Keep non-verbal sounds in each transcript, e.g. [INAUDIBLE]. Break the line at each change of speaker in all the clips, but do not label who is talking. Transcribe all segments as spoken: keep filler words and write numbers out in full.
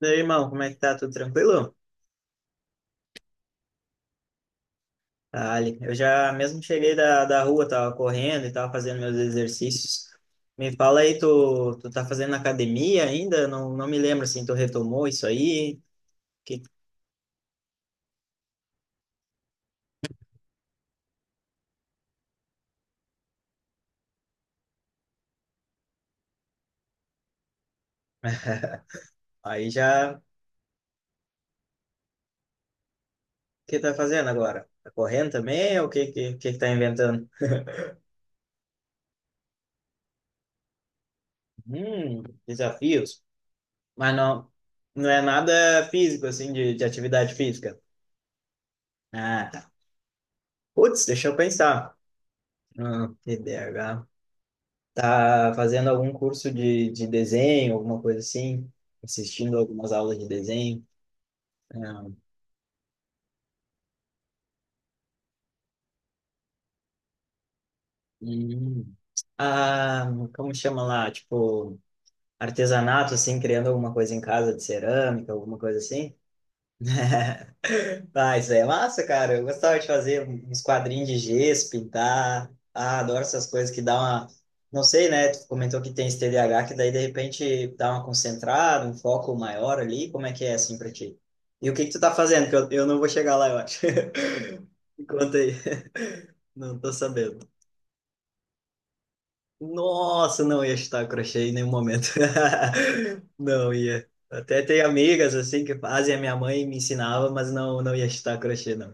Meu irmão, como é que tá? Tudo tranquilo? Ah, Ali, eu já mesmo cheguei da, da rua, tava correndo e tava fazendo meus exercícios. Me fala aí, tu, tu tá fazendo academia ainda? Não, não me lembro assim, tu retomou isso aí? Que, aí já, o que tá fazendo agora? Tá correndo também ou o que, que, que tá inventando? Hum, desafios. Mas não, não é nada físico, assim, de, de atividade física. Ah, tá. Putz, deixa eu pensar. Hum, T D A H. Tá fazendo algum curso de, de desenho, alguma coisa assim? Assistindo algumas aulas de desenho? Ah, hum. Ah, como chama lá? Tipo, artesanato, assim, criando alguma coisa em casa de cerâmica, alguma coisa assim? Ah, isso aí é massa, cara. Eu gostava de fazer uns quadrinhos de gesso, pintar. Ah, adoro essas coisas que dá uma. Não sei, né? Tu comentou que tem esse T D A H, que daí de repente dá uma concentrada, um foco maior ali. Como é que é assim pra ti? E o que que tu tá fazendo? Que eu, eu não vou chegar lá, eu acho. [LAUGHS] Me conta aí. [LAUGHS] Não tô sabendo. Nossa, não ia chutar crochê em nenhum momento. [LAUGHS] Não ia. Até tem amigas assim que fazem, a minha mãe me ensinava, mas não, não ia chutar crochê, não.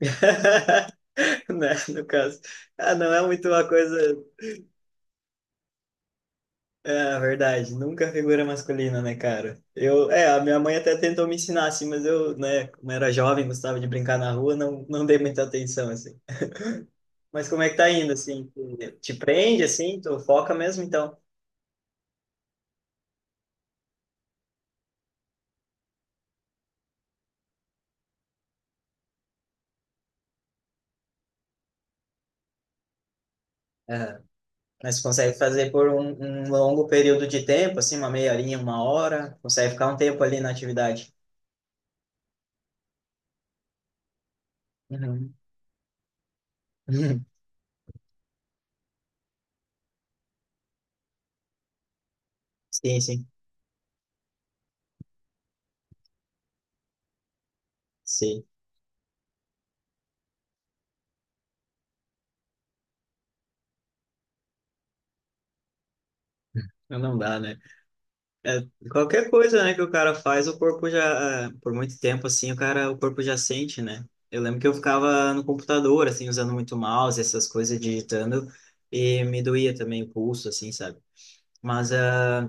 [LAUGHS] [LAUGHS] Né? No caso. Ah, não é muito uma coisa. É, verdade. Nunca figura masculina, né, cara? Eu, é, a minha mãe até tentou me ensinar, assim, mas eu, né, como era jovem, gostava de brincar na rua, não, não dei muita atenção, assim. Mas como é que tá indo, assim? Te prende, assim? Tu foca mesmo, então? É. Mas tu consegue fazer por um, um longo período de tempo, assim, uma meia horinha, uma hora? Consegue ficar um tempo ali na atividade? Uhum. [LAUGHS] Sim, sim. Sim. Não não dá, né? É, qualquer coisa, né, que o cara faz, o corpo já, é, por muito tempo, assim, o cara, o corpo já sente, né? Eu lembro que eu ficava no computador, assim, usando muito mouse, essas coisas, digitando, e me doía também o pulso, assim, sabe? Mas ah,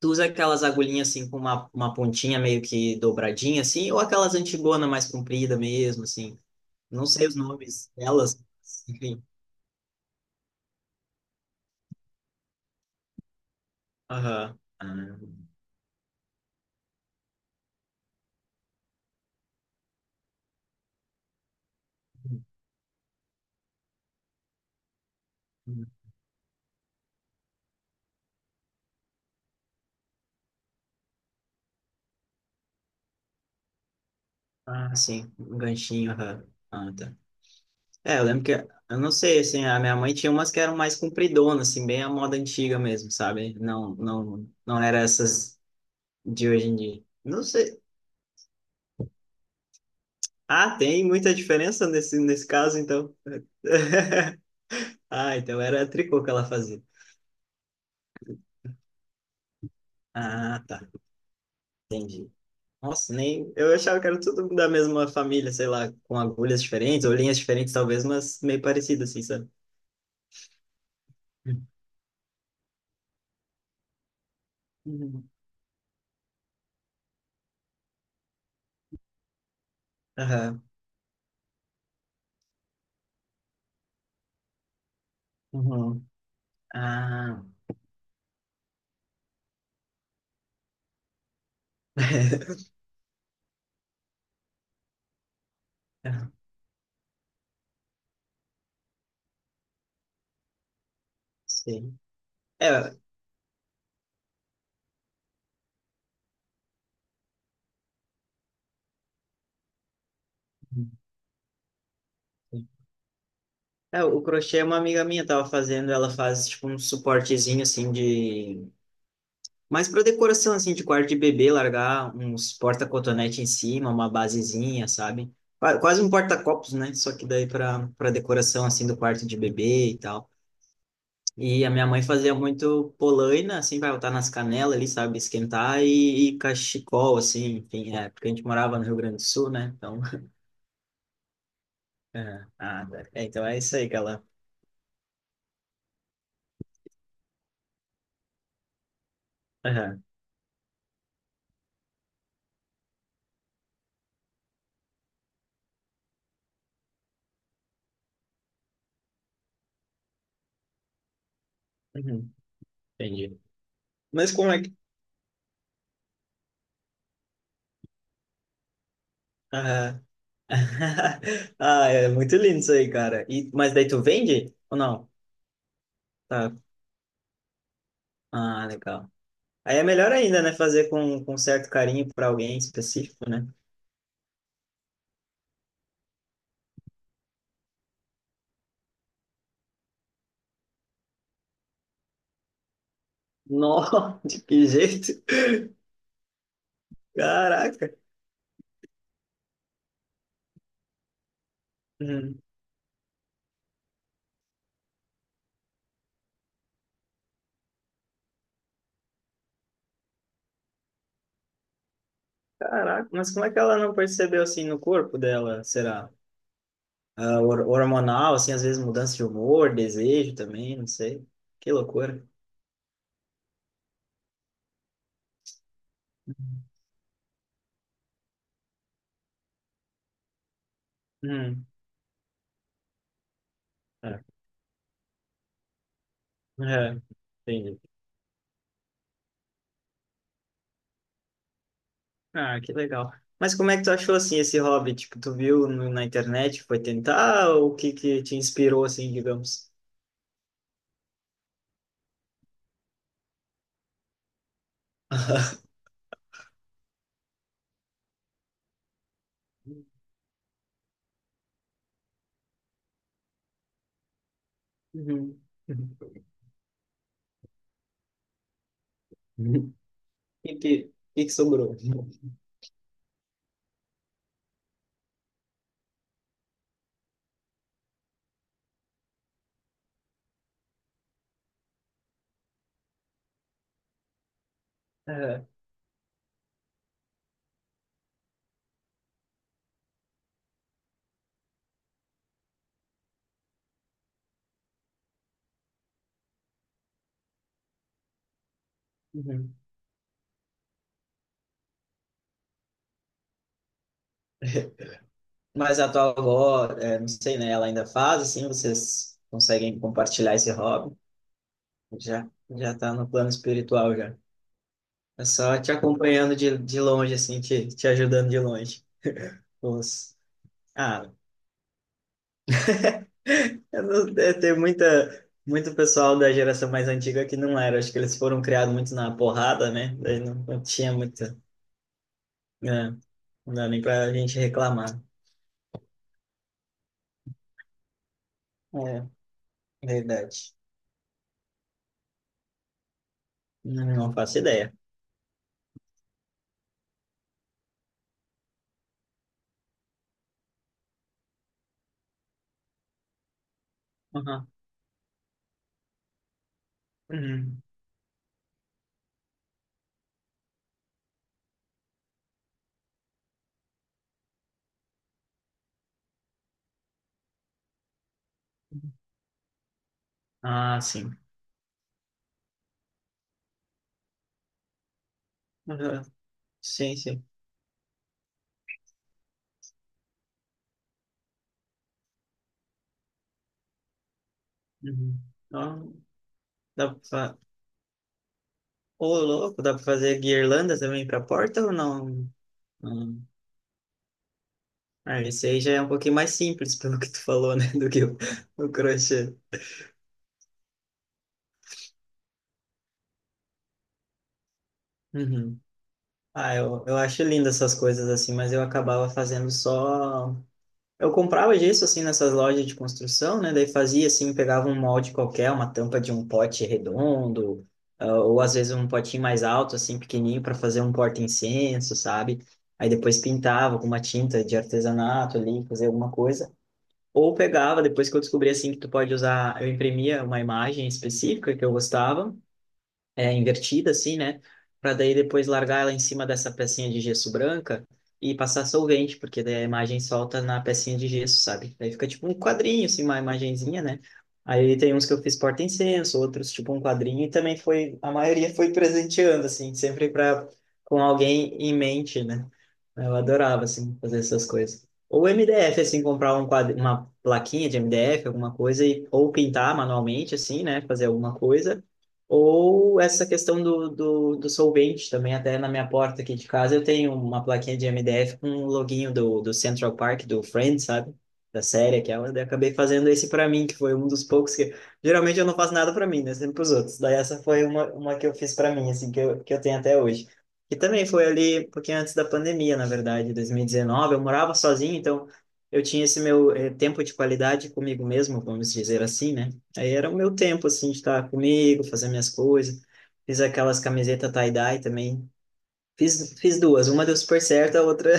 tu usa aquelas agulhinhas, assim, com uma, uma pontinha meio que dobradinha, assim, ou aquelas antigona mais comprida mesmo, assim? Não sei os nomes delas, enfim. Aham. Ah, ah, sim, um ganchinho, aham. Ah, tá. É, eu lembro que, eu não sei, assim, a minha mãe tinha umas que eram mais compridonas, assim, bem a moda antiga mesmo, sabe? Não, não, não era essas de hoje em dia. Não sei. Ah, tem muita diferença nesse, nesse caso, então. [LAUGHS] Ah, então era tricô que ela fazia. Ah, tá, entendi. Nossa, nem, eu achava que era tudo da mesma família, sei lá, com agulhas diferentes ou linhas diferentes, talvez, mas meio parecido, assim, sabe? Uhum. Aham. Uhum. Ah, [LAUGHS] Sim. É, é, o crochê é uma amiga minha tava fazendo, ela faz tipo um suportezinho assim de mais para decoração assim de quarto de bebê, largar uns porta-cotonete em cima, uma basezinha, sabe? Qua- Quase um porta-copos, né? Só que daí para para decoração assim do quarto de bebê e tal. E a minha mãe fazia muito polaina, assim, para botar nas canelas ali, sabe, esquentar e, e cachecol assim, enfim, é, porque a gente morava no Rio Grande do Sul, né? Então, [LAUGHS] é, ah, tá. É, então é isso aí que ela. Aham. Uhum. Entendi. Mas como é. Aham. [LAUGHS] Ah, é muito lindo isso aí, cara. E, mas daí tu vende ou não? Tá. Ah, legal. Aí é melhor ainda, né? Fazer com, com certo carinho para alguém específico, né? Nossa, [LAUGHS] de que jeito? Caraca. Uhum. Caraca, mas como é que ela não percebeu assim no corpo dela? Será? Ah, hor- hormonal, assim, às vezes mudança de humor, desejo também, não sei. Que loucura. Hum. É. É. Entendi. Ah, que legal. Mas como é que tu achou assim esse hobby? Tipo, tu viu no- na internet, foi tentar, ou o que que te inspirou assim, digamos? Uhum. Uhum. E que, e que sobrou? [LAUGHS] Aham. Uhum. Mas a tua avó, é, não sei, né? Ela ainda faz assim, vocês conseguem compartilhar esse hobby? Já já tá no plano espiritual já. É só te acompanhando de, de longe assim, te, te ajudando de longe. Os... Ah, Eu não- é, tem muita, muito pessoal da geração mais antiga que não era. Acho que eles foram criados muito na porrada, né? Daí não, não tinha muita. Né? Não dá nem pra gente reclamar. É, verdade. Não, não faço ideia. Uhum. Uhum. Ah, sim. Uhum. Sim, sim. Uhum. Então, dá pra... fa- Ô, louco, dá pra fazer guirlanda também pra porta ou não? Hum. Ah, esse aí já é um pouquinho mais simples, [LAUGHS] pelo que tu falou, né? [LAUGHS] Do que o, o crochê. Uhum. Ah, eu, eu acho lindo essas coisas assim, mas eu acabava fazendo só. Eu comprava gesso assim nessas lojas de construção, né? Daí fazia assim, pegava um molde qualquer, uma tampa de um pote redondo, ah, ou às vezes um potinho mais alto, assim, pequenininho, para fazer um porta-incenso, sabe? Aí depois pintava com uma tinta de artesanato ali, fazer alguma coisa. Ou pegava, depois que eu descobri assim que tu pode usar, eu imprimia uma imagem específica que eu gostava é, invertida assim, né? Para daí depois largar ela em cima dessa pecinha de gesso branca e passar solvente, porque daí a imagem solta na pecinha de gesso, sabe? Daí fica tipo um quadrinho, assim, uma imagenzinha, né? Aí tem uns que eu fiz porta-incenso, outros tipo um quadrinho, e também foi, a maioria foi presenteando, assim, sempre pra, com alguém em mente, né? Eu adorava, assim, fazer essas coisas. Ou M D F, assim, comprar um quadro, uma plaquinha de M D F, alguma coisa, e, ou pintar manualmente, assim, né? Fazer alguma coisa ou essa questão do, do, do solvente também, até na minha porta aqui de casa, eu tenho uma plaquinha de M D F com o loginho do, do Central Park, do Friends, sabe? Da série aquela, daí eu acabei fazendo esse pra mim, que foi um dos poucos que... Geralmente eu não faço nada pra mim, né? Sempre pros outros. Daí essa foi uma, uma que eu fiz pra mim, assim, que eu, que eu tenho até hoje. E também foi ali, um pouquinho antes da pandemia, na verdade, dois mil e dezenove, eu morava sozinho, então eu tinha esse meu eh, tempo de qualidade comigo mesmo, vamos dizer assim, né? Aí era o meu tempo, assim, de estar comigo, fazer minhas coisas. Fiz aquelas camisetas tie-dye também. Fiz, fiz duas. Uma deu super certo, a outra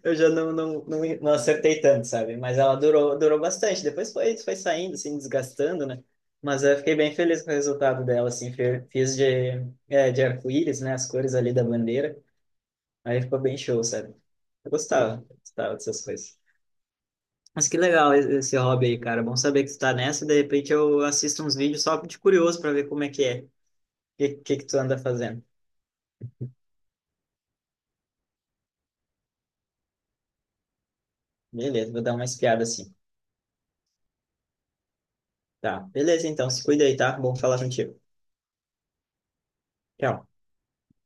[LAUGHS] eu já não, não, não, não acertei tanto, sabe? Mas ela durou, durou bastante. Depois foi, foi saindo, assim, desgastando, né? Mas eu fiquei bem feliz com o resultado dela, assim. fe- Fiz de, é, de arco-íris, né? As cores ali da bandeira. Aí ficou bem show, sabe? Eu gostava, gostava dessas coisas. Mas que legal e- esse hobby aí, cara. Bom saber que tu tá nessa. De repente eu assisto uns vídeos só de curioso para ver como é que é. O que, que que tu anda fazendo. Beleza, vou dar uma espiada assim. Tá, beleza então. Se cuida aí, tá? Bom falar contigo. Tchau.